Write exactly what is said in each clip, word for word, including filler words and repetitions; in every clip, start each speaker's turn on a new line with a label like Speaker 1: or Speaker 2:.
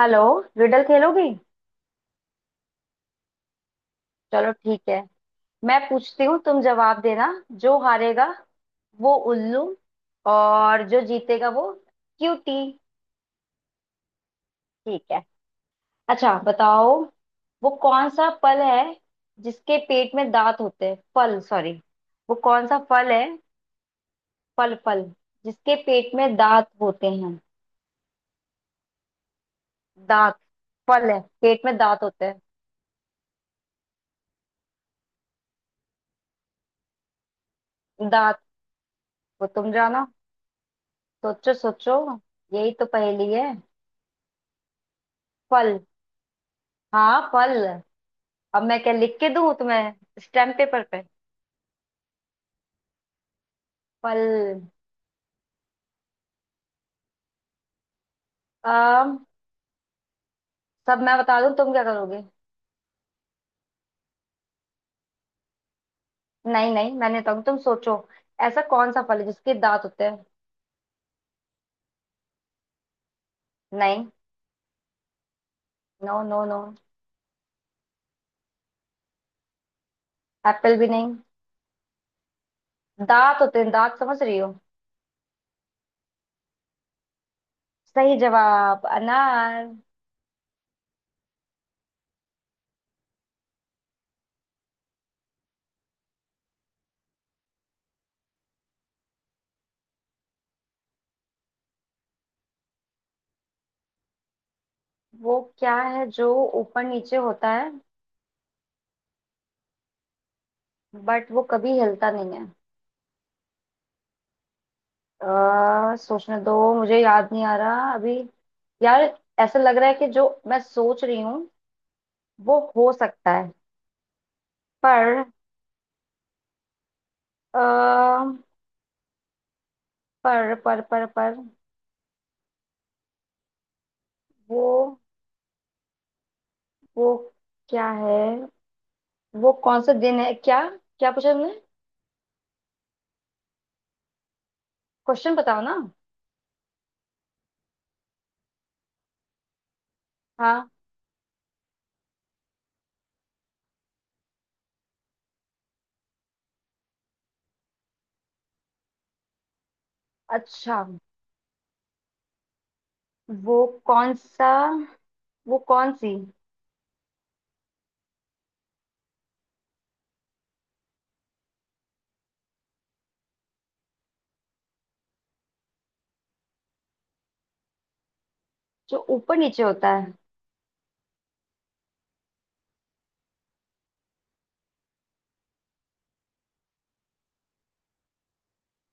Speaker 1: Hello. Riddle खेलोगी? चलो ठीक है। मैं पूछती हूँ, तुम जवाब देना। जो हारेगा वो उल्लू, और जो जीतेगा वो क्यूटी। ठीक है, अच्छा बताओ, वो कौन सा फल है जिसके पेट में दांत होते हैं? फल, सॉरी, वो कौन सा फल है? फल फल, जिसके पेट में दांत होते हैं? दांत, फल है, पेट में दांत होते हैं। दांत वो तुम जानो, सोचो सोचो। यही तो पहेली है। फल? हाँ, फल। अब मैं क्या लिख के दूं तुम्हें? स्टैम्प पेपर पे? पल। अम सब मैं बता दूं तुम क्या करोगे? नहीं नहीं, मैंने तो, तुम सोचो। ऐसा कौन सा फल है जिसके दांत होते हैं? नहीं। No no no. एप्पल भी नहीं। दांत होते हैं, दांत, समझ रही हो? सही जवाब, अनार। वो क्या है जो ऊपर नीचे होता है, बट वो कभी हिलता नहीं है? अ, सोचने दो, मुझे याद नहीं आ रहा अभी। यार, ऐसा लग रहा है कि जो मैं सोच रही हूँ वो हो सकता है, पर अ, पर पर पर पर, वो वो क्या है? वो कौन सा दिन है क्या? क्या पूछा तुमने? क्वेश्चन बताओ ना। हाँ, अच्छा, वो कौन सा वो कौन सी जो ऊपर नीचे होता है,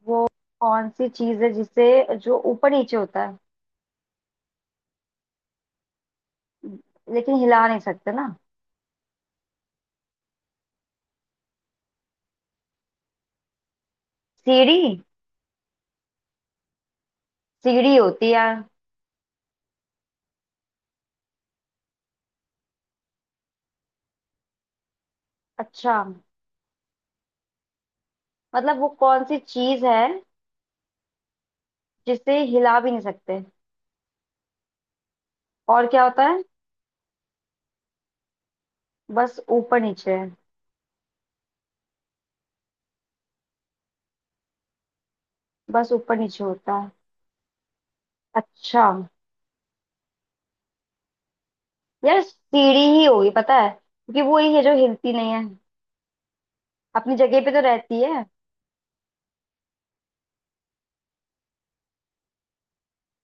Speaker 1: वो कौन सी चीज है जिसे, जो ऊपर नीचे होता है लेकिन हिला नहीं सकते ना? सीढ़ी, सीढ़ी होती है। अच्छा, मतलब वो कौन सी चीज है जिसे हिला भी नहीं सकते और क्या होता है, बस ऊपर नीचे है? बस ऊपर नीचे होता है। अच्छा, यार सीढ़ी ही होगी, पता है, क्योंकि वो ही है जो हिलती नहीं है, अपनी जगह पे तो रहती है।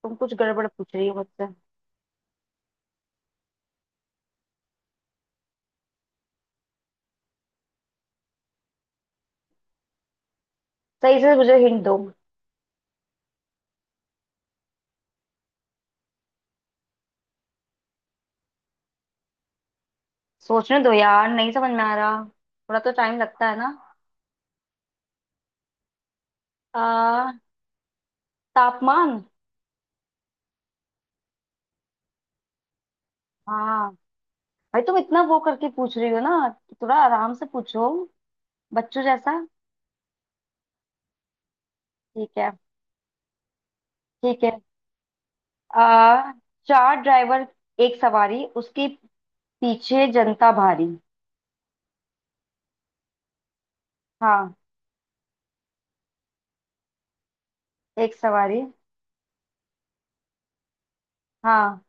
Speaker 1: तुम कुछ गड़बड़ पूछ रही हो मुझसे, सही से मुझे हिंट दो। सोचने दो यार, नहीं समझ में आ रहा, थोड़ा तो टाइम लगता है ना। आ, तापमान। हाँ भाई, तुम इतना वो करके पूछ रही हो ना, थोड़ा आराम से पूछो, बच्चों जैसा। ठीक है, ठीक है। आ, चार ड्राइवर, एक सवारी, उसके पीछे जनता भारी। हाँ, एक सवारी, हाँ,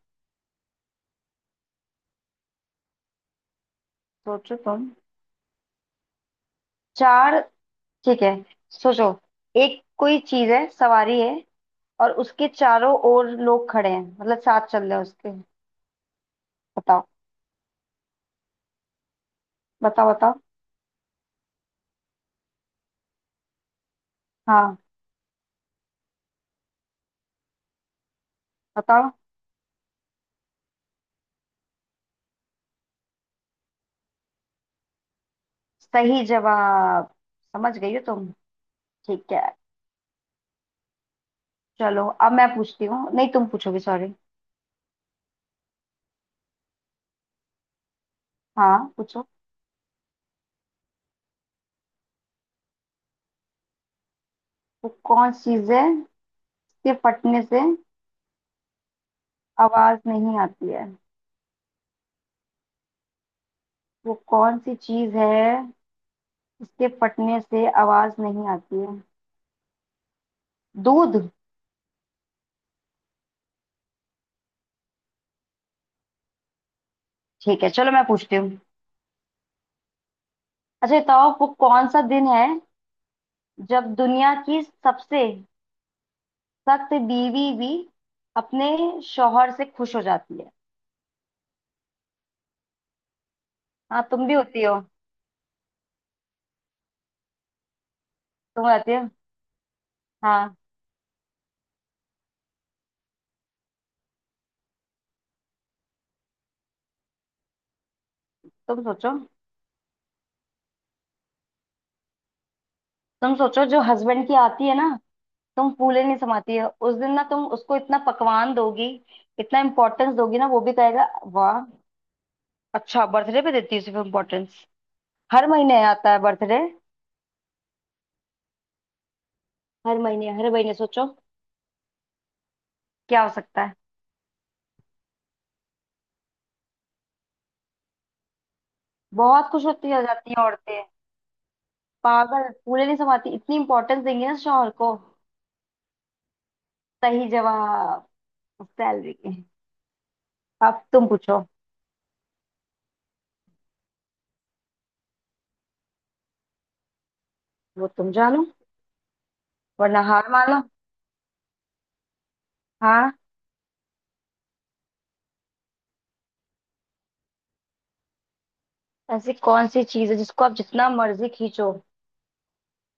Speaker 1: सोचो तुम। चार, ठीक है, सोचो। एक कोई चीज है, सवारी है, और उसके चारों ओर लोग खड़े हैं, मतलब साथ चल रहे हैं उसके। बताओ बताओ बताओ। हाँ, बताओ। सही जवाब, समझ गई हो तुम। ठीक है, चलो अब मैं पूछती हूँ, नहीं तुम पूछोगे, सॉरी। हाँ पूछो। वो कौन सी चीज है जिसके फटने से आवाज नहीं आती है? वो कौन सी चीज है जिसके फटने से आवाज नहीं आती है? दूध। ठीक है, चलो मैं पूछती हूँ। अच्छा ये बताओ, वो कौन सा दिन है जब दुनिया की सबसे सख्त बीवी भी अपने शौहर से खुश हो जाती है? हाँ, तुम भी होती हो, तुम होती हो, हाँ। तुम सोचो, तुम सोचो, जो हस्बैंड की आती है ना, तुम फूले नहीं समाती हो उस दिन ना, तुम उसको इतना पकवान दोगी, इतना इम्पोर्टेंस दोगी ना, वो भी कहेगा वाह। अच्छा, बर्थडे पे देती है सिर्फ इम्पोर्टेंस? हर महीने आता है बर्थडे? हर महीने हर महीने सोचो, क्या हो सकता है। बहुत खुश होती आ जाती हैं औरतें, पागल, फूले नहीं समाती, इतनी इंपॉर्टेंस देंगी ना शौहर को। सही जवाब, सैलरी के। अब तुम पूछो। वो तुम जानो वरना हार मानो। हाँ, ऐसी कौन सी चीज है जिसको आप जितना मर्जी खींचो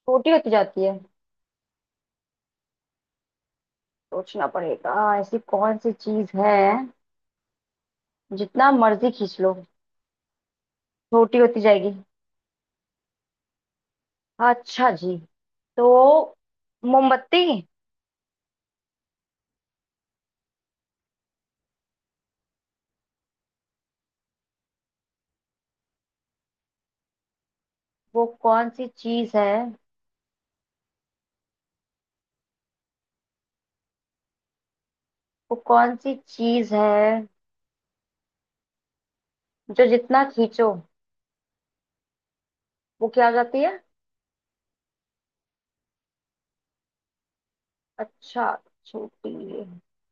Speaker 1: छोटी होती जाती है? सोचना पड़ेगा। ऐसी कौन सी चीज है जितना मर्जी खींच लो छोटी होती जाएगी? अच्छा जी, तो मोमबत्ती। वो कौन सी चीज है, वो कौन सी चीज है जो जितना खींचो वो क्या हो जाती है? अच्छा, छोटी है।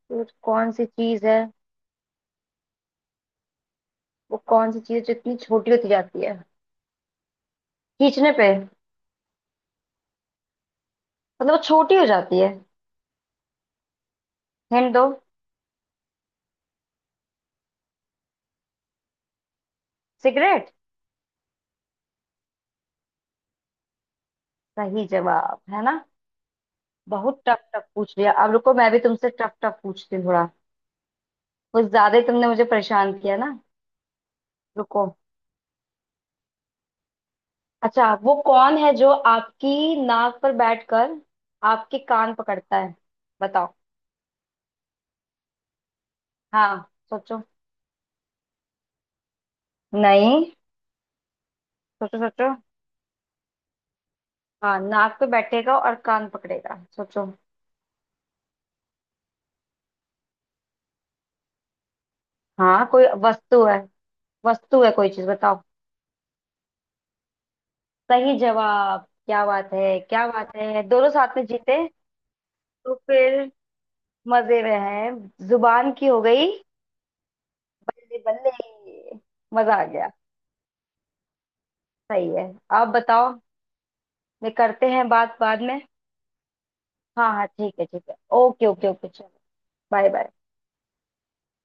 Speaker 1: तो कौन सी चीज है, वो कौन सी चीज जितनी छोटी होती जाती है खींचने पे, मतलब वो छोटी हो जाती है? हिंट दो। सिगरेट। सही जवाब है ना? बहुत टफ टफ पूछ लिया, अब रुको मैं भी तुमसे टफ टफ पूछती हूँ थोड़ा, कुछ ज्यादा ही तुमने मुझे परेशान किया ना। रुको। अच्छा, वो कौन है जो आपकी नाक पर बैठकर आपके कान पकड़ता है? बताओ। हाँ, सोचो। नहीं, सोचो सोचो। हाँ, नाक पे बैठेगा और कान पकड़ेगा, सोचो। हाँ, कोई वस्तु है, वस्तु है कोई चीज, बताओ। सही जवाब, क्या बात है, क्या बात है, दोनों साथ में जीते। तो फिर मजे में हैं, जुबान की हो गई। बल्ले बल्ले। मजा आ गया। सही है। आप बताओ, ये करते हैं बात बाद में। हाँ हाँ, ठीक है ठीक है, ओके ओके ओके, चलो। Bye bye.